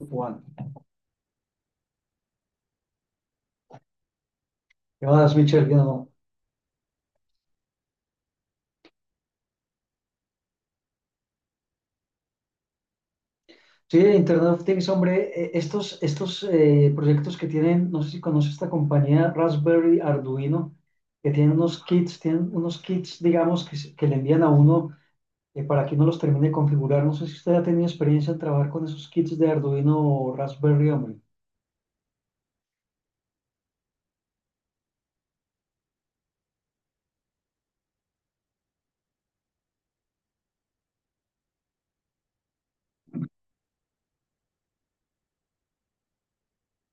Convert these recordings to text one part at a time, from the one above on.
Juan, ¿qué más, Michelle? ¿Qué no? Sí, Internet of Things, hombre, estos proyectos que tienen, no sé si conoce esta compañía Raspberry Arduino, que tienen unos kits, digamos, que, que le envían a uno para que uno los termine de configurar. No sé si usted ha tenido experiencia en trabajar con esos kits de Arduino o Raspberry, hombre.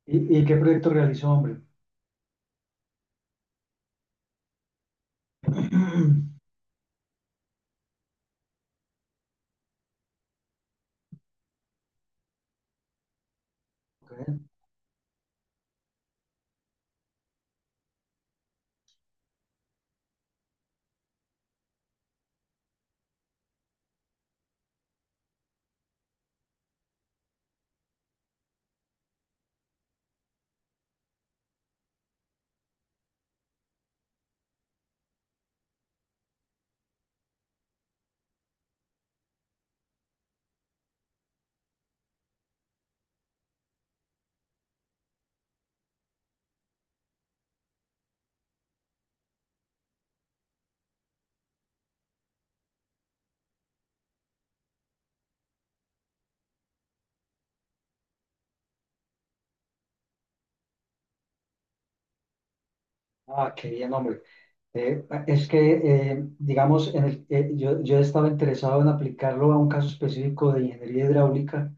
¿Y qué proyecto realizó, hombre? Ok. Ah, qué bien, hombre. Es que digamos, yo estaba interesado en aplicarlo a un caso específico de ingeniería hidráulica.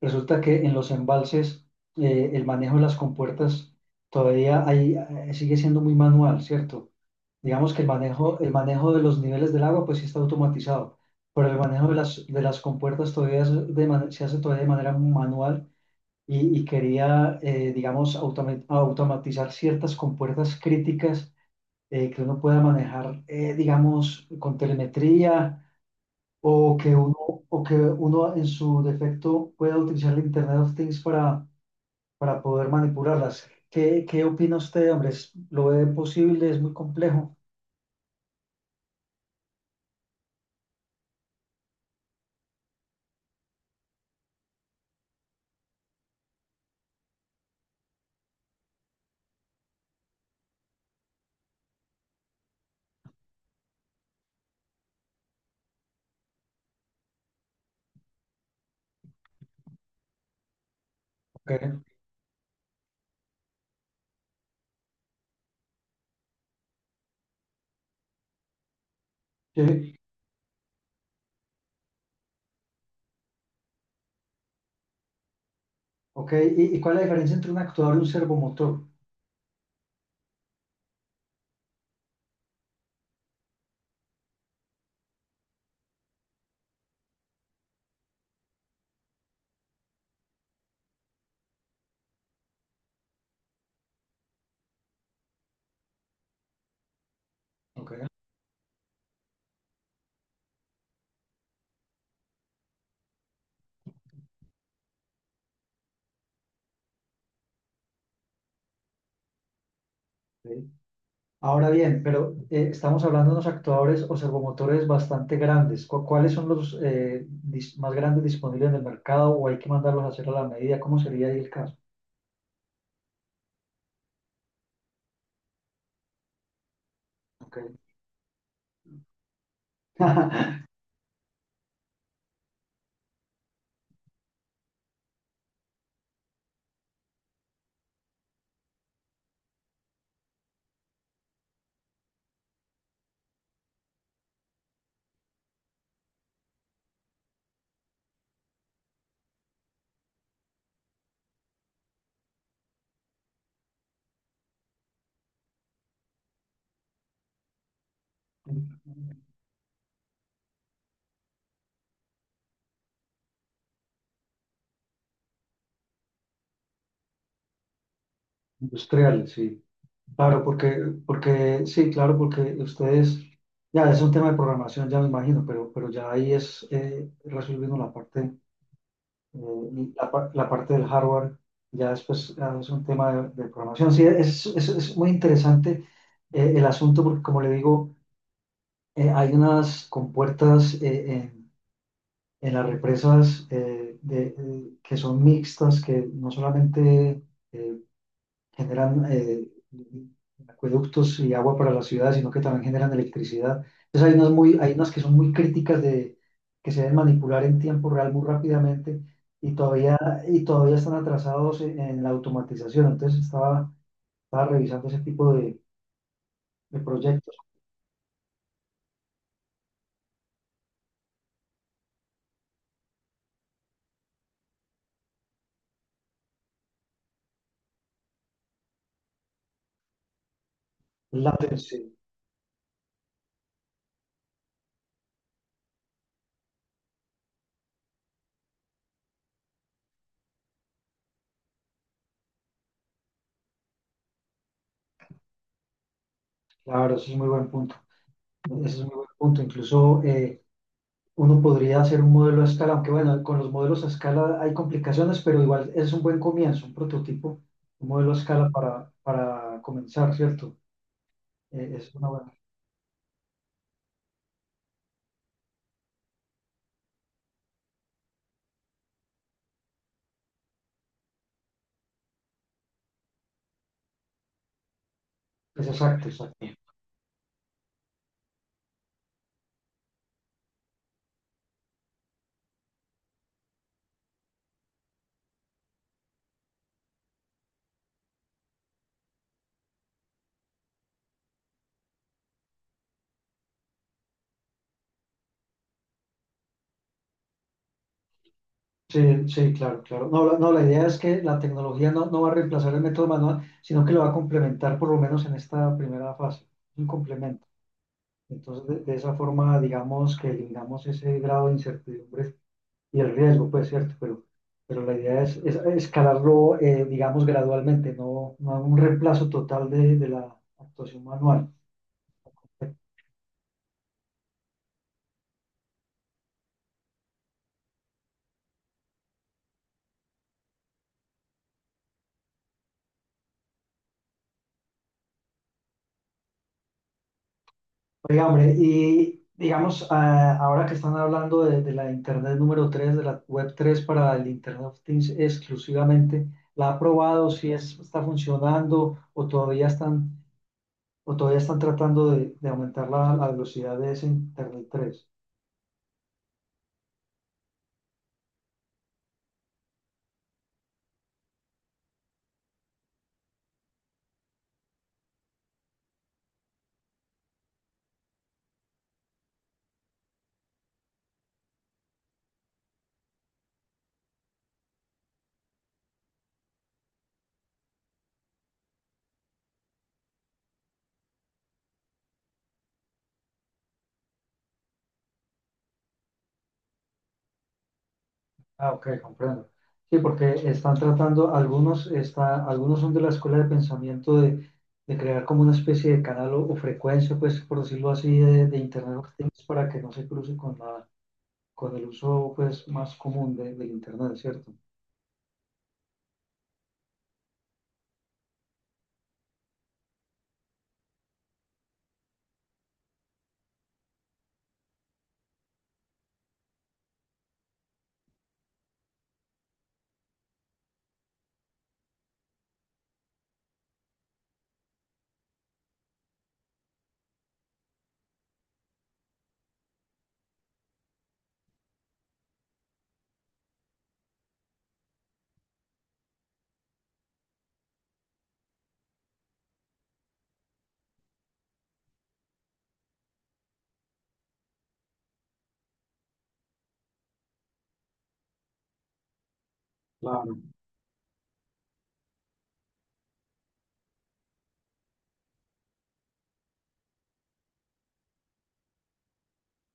Resulta que en los embalses, el manejo de las compuertas sigue siendo muy manual, ¿cierto? Digamos que el manejo de los niveles del agua, pues sí está automatizado, pero el manejo de las compuertas todavía es se hace todavía de manera manual y quería, digamos, automatizar ciertas compuertas críticas que uno pueda manejar, digamos, con telemetría o que uno, o que uno en su defecto pueda utilizar el Internet of Things para poder manipularlas. ¿Qué, qué opina usted, hombre? ¿Lo ve posible? ¿Es muy complejo? Ok, sí, ok. ¿Y cuál es la diferencia entre un actuador y un servomotor? Ok, ok. Ahora bien, pero estamos hablando de unos actuadores o servomotores bastante grandes. ¿Cuáles son los más grandes disponibles en el mercado o hay que mandarlos a hacer a la medida? ¿Cómo sería ahí el caso? Ok. Industrial, sí. Claro, porque, porque, sí, claro, porque ustedes, ya es un tema de programación, ya me imagino, pero ya ahí es resolviendo la parte. La parte del hardware ya después es un tema de programación. Sí, es muy interesante el asunto porque, como le digo, hay unas compuertas en las represas que son mixtas, que no solamente eh, generan acueductos y agua para la ciudad, sino que también generan electricidad. Entonces hay unas muy, hay unas que son muy críticas de que se deben manipular en tiempo real muy rápidamente y todavía, y todavía están atrasados en la automatización. Entonces estaba, estaba revisando ese tipo de proyectos. La sí, claro, eso es muy buen punto. Ese es muy buen punto. Incluso uno podría hacer un modelo a escala, aunque bueno, con los modelos a escala hay complicaciones, pero igual es un buen comienzo, un prototipo, un modelo a escala para comenzar, ¿cierto? Es una buena, es exacto, exacto. Sí, sí, claro, claro. No, la, no, la idea es que la tecnología no, no va a reemplazar el método manual, sino que lo va a complementar por lo menos en esta primera fase, un complemento. Entonces, de esa forma, digamos que eliminamos ese grado de incertidumbre y el riesgo, pues cierto, pero la idea es escalarlo, digamos, gradualmente, no, no un reemplazo total de la actuación manual. Oiga, hombre, y digamos, ahora que están hablando de la Internet número 3 de la Web 3 para el Internet of Things exclusivamente, ¿la ha probado? ¿Si es, está funcionando o todavía están tratando de aumentar la, la velocidad de ese Internet tres? Ah, ok, comprendo. Sí, porque están tratando, algunos, está, algunos son de la escuela de pensamiento de crear como una especie de canal o frecuencia, pues, por decirlo así, de Internet of Things para que no se cruce con la, con el uso, pues, más común de, del Internet, ¿cierto? Claro.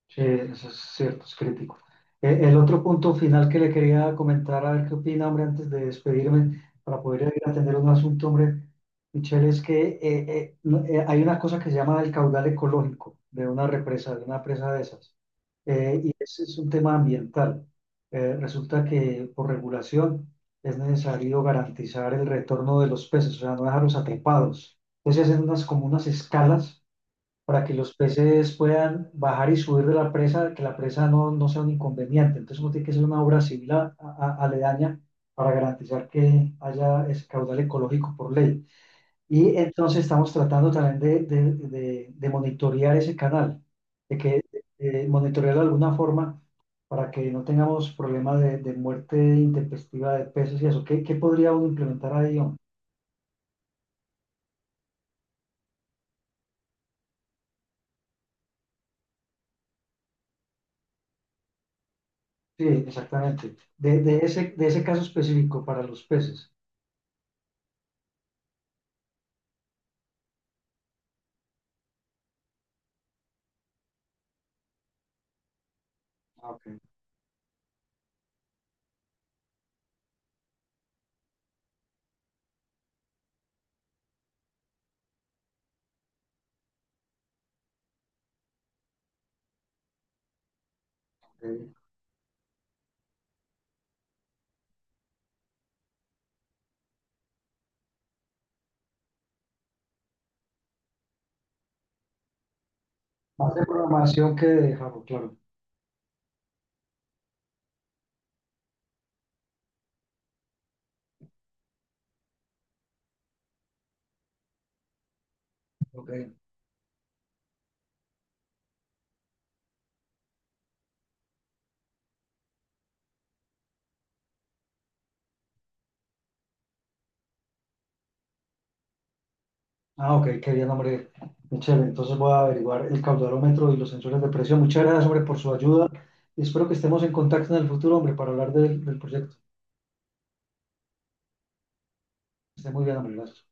Sí, eso es cierto, es crítico. El otro punto final que le quería comentar, a ver qué opina, hombre, antes de despedirme, para poder ir a atender un asunto, hombre, Michelle, es que hay una cosa que se llama el caudal ecológico de una represa, de una presa de esas. Y ese es un tema ambiental. Resulta que por regulación es necesario garantizar el retorno de los peces, o sea, no dejarlos atrapados. Entonces hacen unas, como unas escalas para que los peces puedan bajar y subir de la presa, que la presa no, no sea un inconveniente. Entonces, uno tiene que hacer una obra civil aledaña para garantizar que haya ese caudal ecológico por ley. Y entonces estamos tratando también de, de monitorear ese canal, de que monitorearlo de alguna forma para que no tengamos problemas de muerte intempestiva de peces y eso. ¿Qué, qué podría uno implementar ahí, hombre? Sí, exactamente. De ese caso específico para los peces. Ah, ok. Ok. Más de programación que de Java, claro. Ok. Ah, ok, qué bien, hombre. Muy chévere. Entonces voy a averiguar el caudalómetro y los sensores de presión. Muchas gracias, hombre, por su ayuda. Y espero que estemos en contacto en el futuro, hombre, para hablar del, del proyecto. Que esté muy bien, hombre. Gracias.